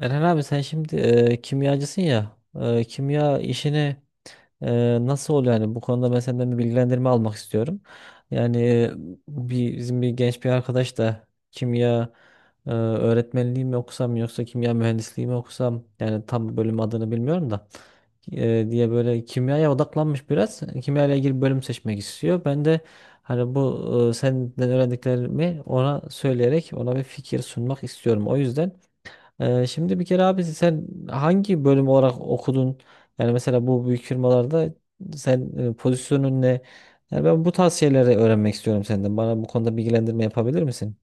Eren abi sen şimdi kimyacısın ya kimya işini nasıl oluyor yani bu konuda ben senden bir bilgilendirme almak istiyorum. Yani bir, bizim bir genç bir arkadaş da kimya öğretmenliği mi okusam yoksa kimya mühendisliği mi okusam yani tam bölüm adını bilmiyorum da diye böyle kimyaya odaklanmış biraz. Kimya ile ilgili bölüm seçmek istiyor. Ben de hani bu senden öğrendiklerimi ona söyleyerek ona bir fikir sunmak istiyorum. O yüzden şimdi bir kere abi sen hangi bölüm olarak okudun? Yani mesela bu büyük firmalarda sen pozisyonun ne? Yani ben bu tarz şeyleri öğrenmek istiyorum senden. Bana bu konuda bilgilendirme yapabilir misin?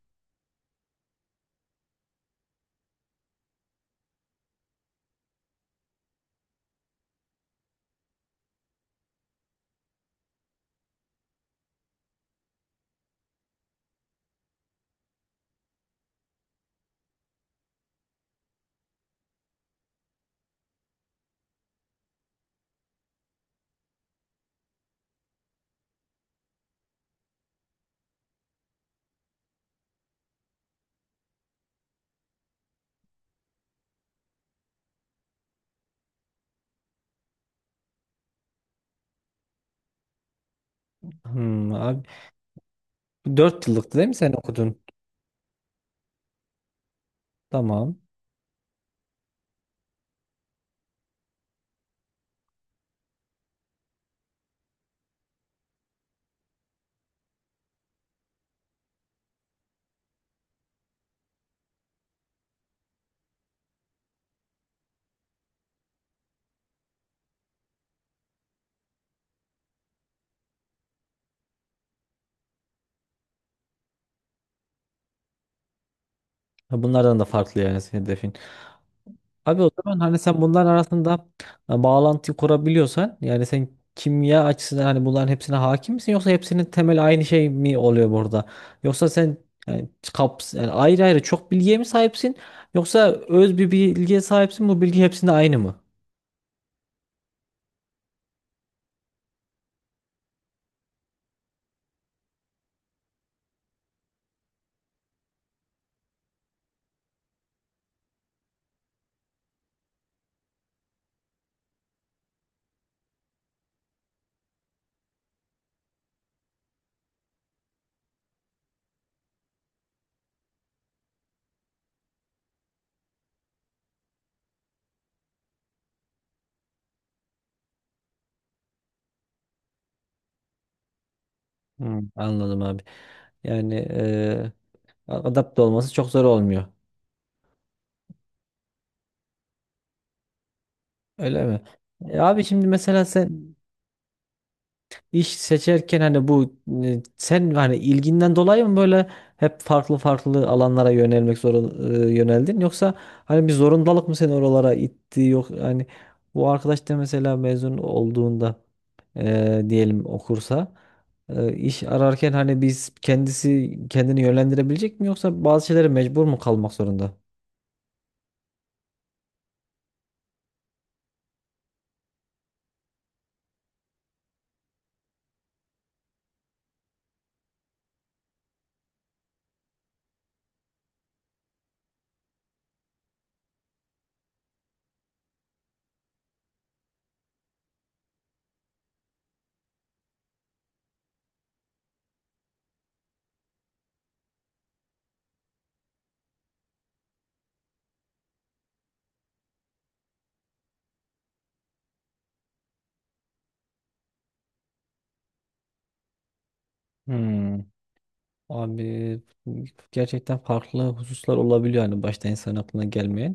Hmm, abi 4 yıllıktı değil mi sen okudun? Tamam. Ha, bunlardan da farklı yani senin hedefin. Abi o zaman hani sen bunların arasında bağlantı kurabiliyorsan yani sen kimya açısından hani bunların hepsine hakim misin yoksa hepsinin temel aynı şey mi oluyor burada? Yoksa sen yani, kaps yani ayrı ayrı çok bilgiye mi sahipsin yoksa öz bir bilgiye sahipsin bu bilgi hepsinde aynı mı? Hmm, anladım abi. Yani adapte olması çok zor olmuyor. Öyle mi? E, abi şimdi mesela sen İş seçerken hani bu sen hani ilginden dolayı mı böyle hep farklı farklı alanlara yönelmek yöneldin yoksa hani bir zorundalık mı seni oralara itti yok hani bu arkadaş da mesela mezun olduğunda diyelim okursa iş ararken hani biz kendisi kendini yönlendirebilecek mi yoksa bazı şeylere mecbur mu kalmak zorunda? Abi gerçekten farklı hususlar olabiliyor hani başta insan aklına gelmeyen.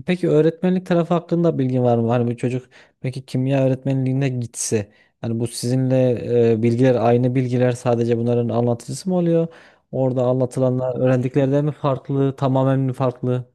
E, peki öğretmenlik tarafı hakkında bilgin var mı? Hani bir çocuk peki kimya öğretmenliğine gitse hani bu sizinle bilgiler aynı bilgiler sadece bunların anlatıcısı mı oluyor? Orada anlatılanlar öğrendiklerden mi farklı, tamamen mi farklı?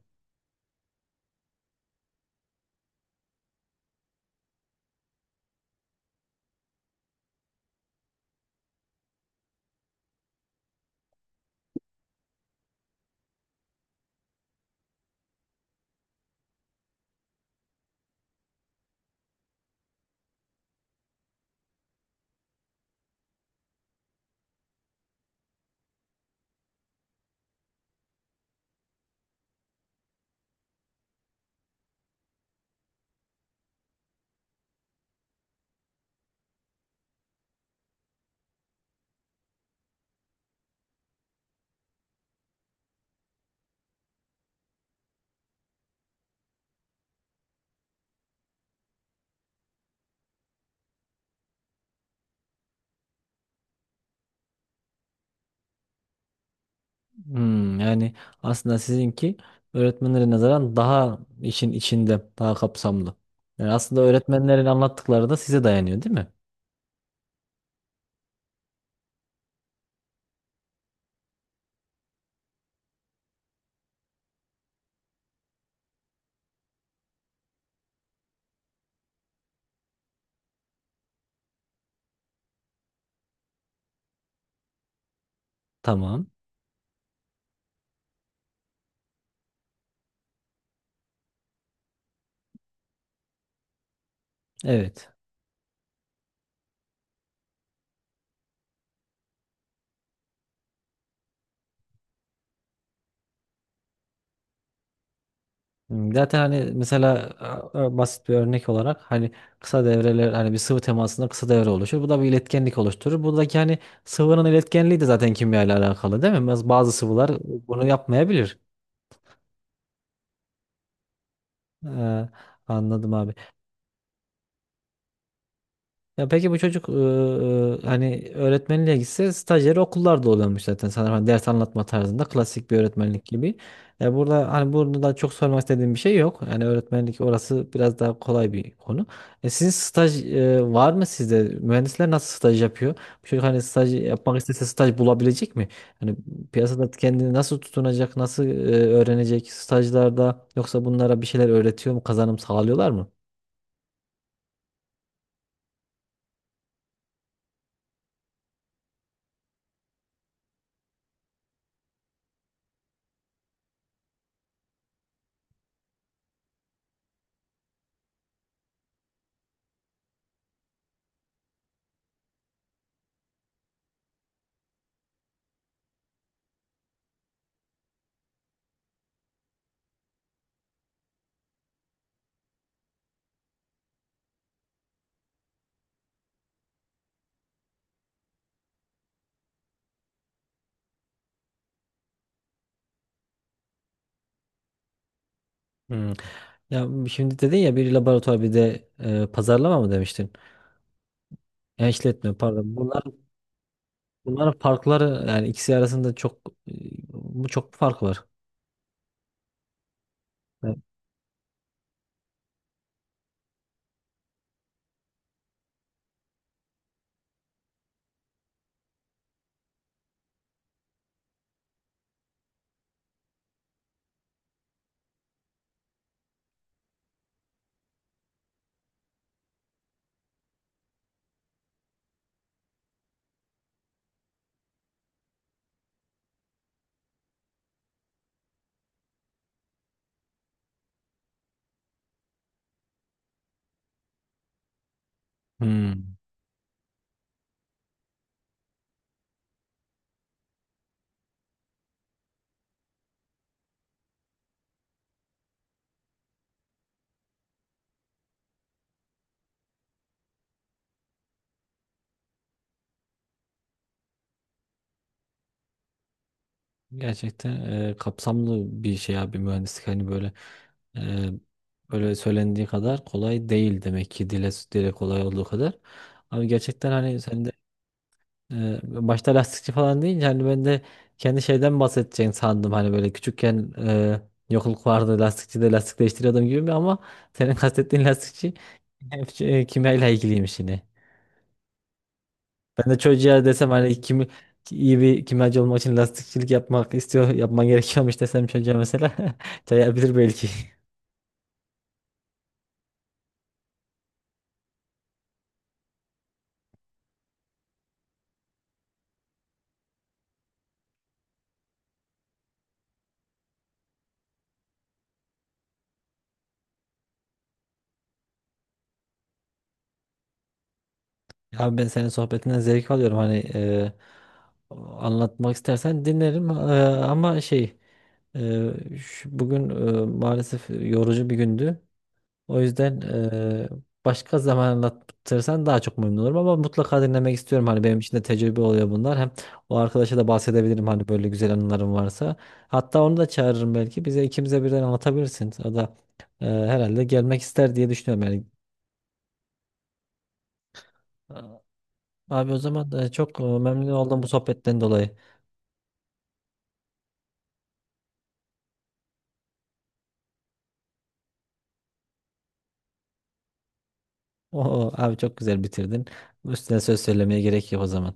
Hmm, yani aslında sizinki öğretmenlere nazaran daha işin içinde, daha kapsamlı. Yani aslında öğretmenlerin anlattıkları da size dayanıyor, değil mi? Tamam. Evet. Hmm, zaten hani mesela basit bir örnek olarak hani kısa devreler hani bir sıvı temasında kısa devre oluşur. Bu da bir iletkenlik oluşturur. Buradaki hani sıvının iletkenliği de zaten kimya ile alakalı değil mi? Bazı sıvılar bunu yapmayabilir. Ee, anladım abi. Ya peki bu çocuk hani öğretmenliğe gitse stajyer okullarda oluyormuş zaten sanırım hani ders anlatma tarzında klasik bir öğretmenlik gibi. Ya burada hani burada da çok sormak istediğim bir şey yok. Yani öğretmenlik orası biraz daha kolay bir konu. E, sizin staj var mı sizde? Mühendisler nasıl staj yapıyor? Bu çocuk hani staj yapmak istese staj bulabilecek mi? Hani piyasada kendini nasıl tutunacak, nasıl öğrenecek stajlarda yoksa bunlara bir şeyler öğretiyor mu, kazanım sağlıyorlar mı? Hmm. Ya şimdi dedin ya bir laboratuvar bir de pazarlama mı demiştin? Ya işletme pardon. Bunların farkları yani ikisi arasında çok e, bu çok fark var. Evet. Hmm. Gerçekten kapsamlı bir şey abi mühendislik hani böyle e, böyle söylendiği kadar kolay değil demek ki dile dile kolay olduğu kadar. Abi gerçekten hani sen başta lastikçi falan deyince hani ben de kendi şeyden bahsedeceğini sandım. Hani böyle küçükken yokluk vardı lastikçi de lastik değiştiriyordum gibi ama senin kastettiğin lastikçi hep şey, kimyayla ilgiliymiş yine. Ben de çocuğa desem hani kimi, iyi bir kimyacı olmak için lastikçilik yapmak istiyor, yapman gerekiyormuş desem çocuğa mesela çayabilir belki. Abi ben senin sohbetinden zevk alıyorum hani anlatmak istersen dinlerim. E, ama şey Ee, bugün maalesef yorucu bir gündü. O yüzden e, başka zaman anlatırsan daha çok memnun olurum ama mutlaka dinlemek istiyorum. Hani benim için de tecrübe oluyor bunlar. Hem o arkadaşa da bahsedebilirim hani böyle güzel anılarım varsa. Hatta onu da çağırırım belki. Bize ikimize birden anlatabilirsin. O da herhalde gelmek ister diye düşünüyorum yani. Abi o zaman çok memnun oldum bu sohbetten dolayı. Oo, abi çok güzel bitirdin. Üstüne söz söylemeye gerek yok o zaman.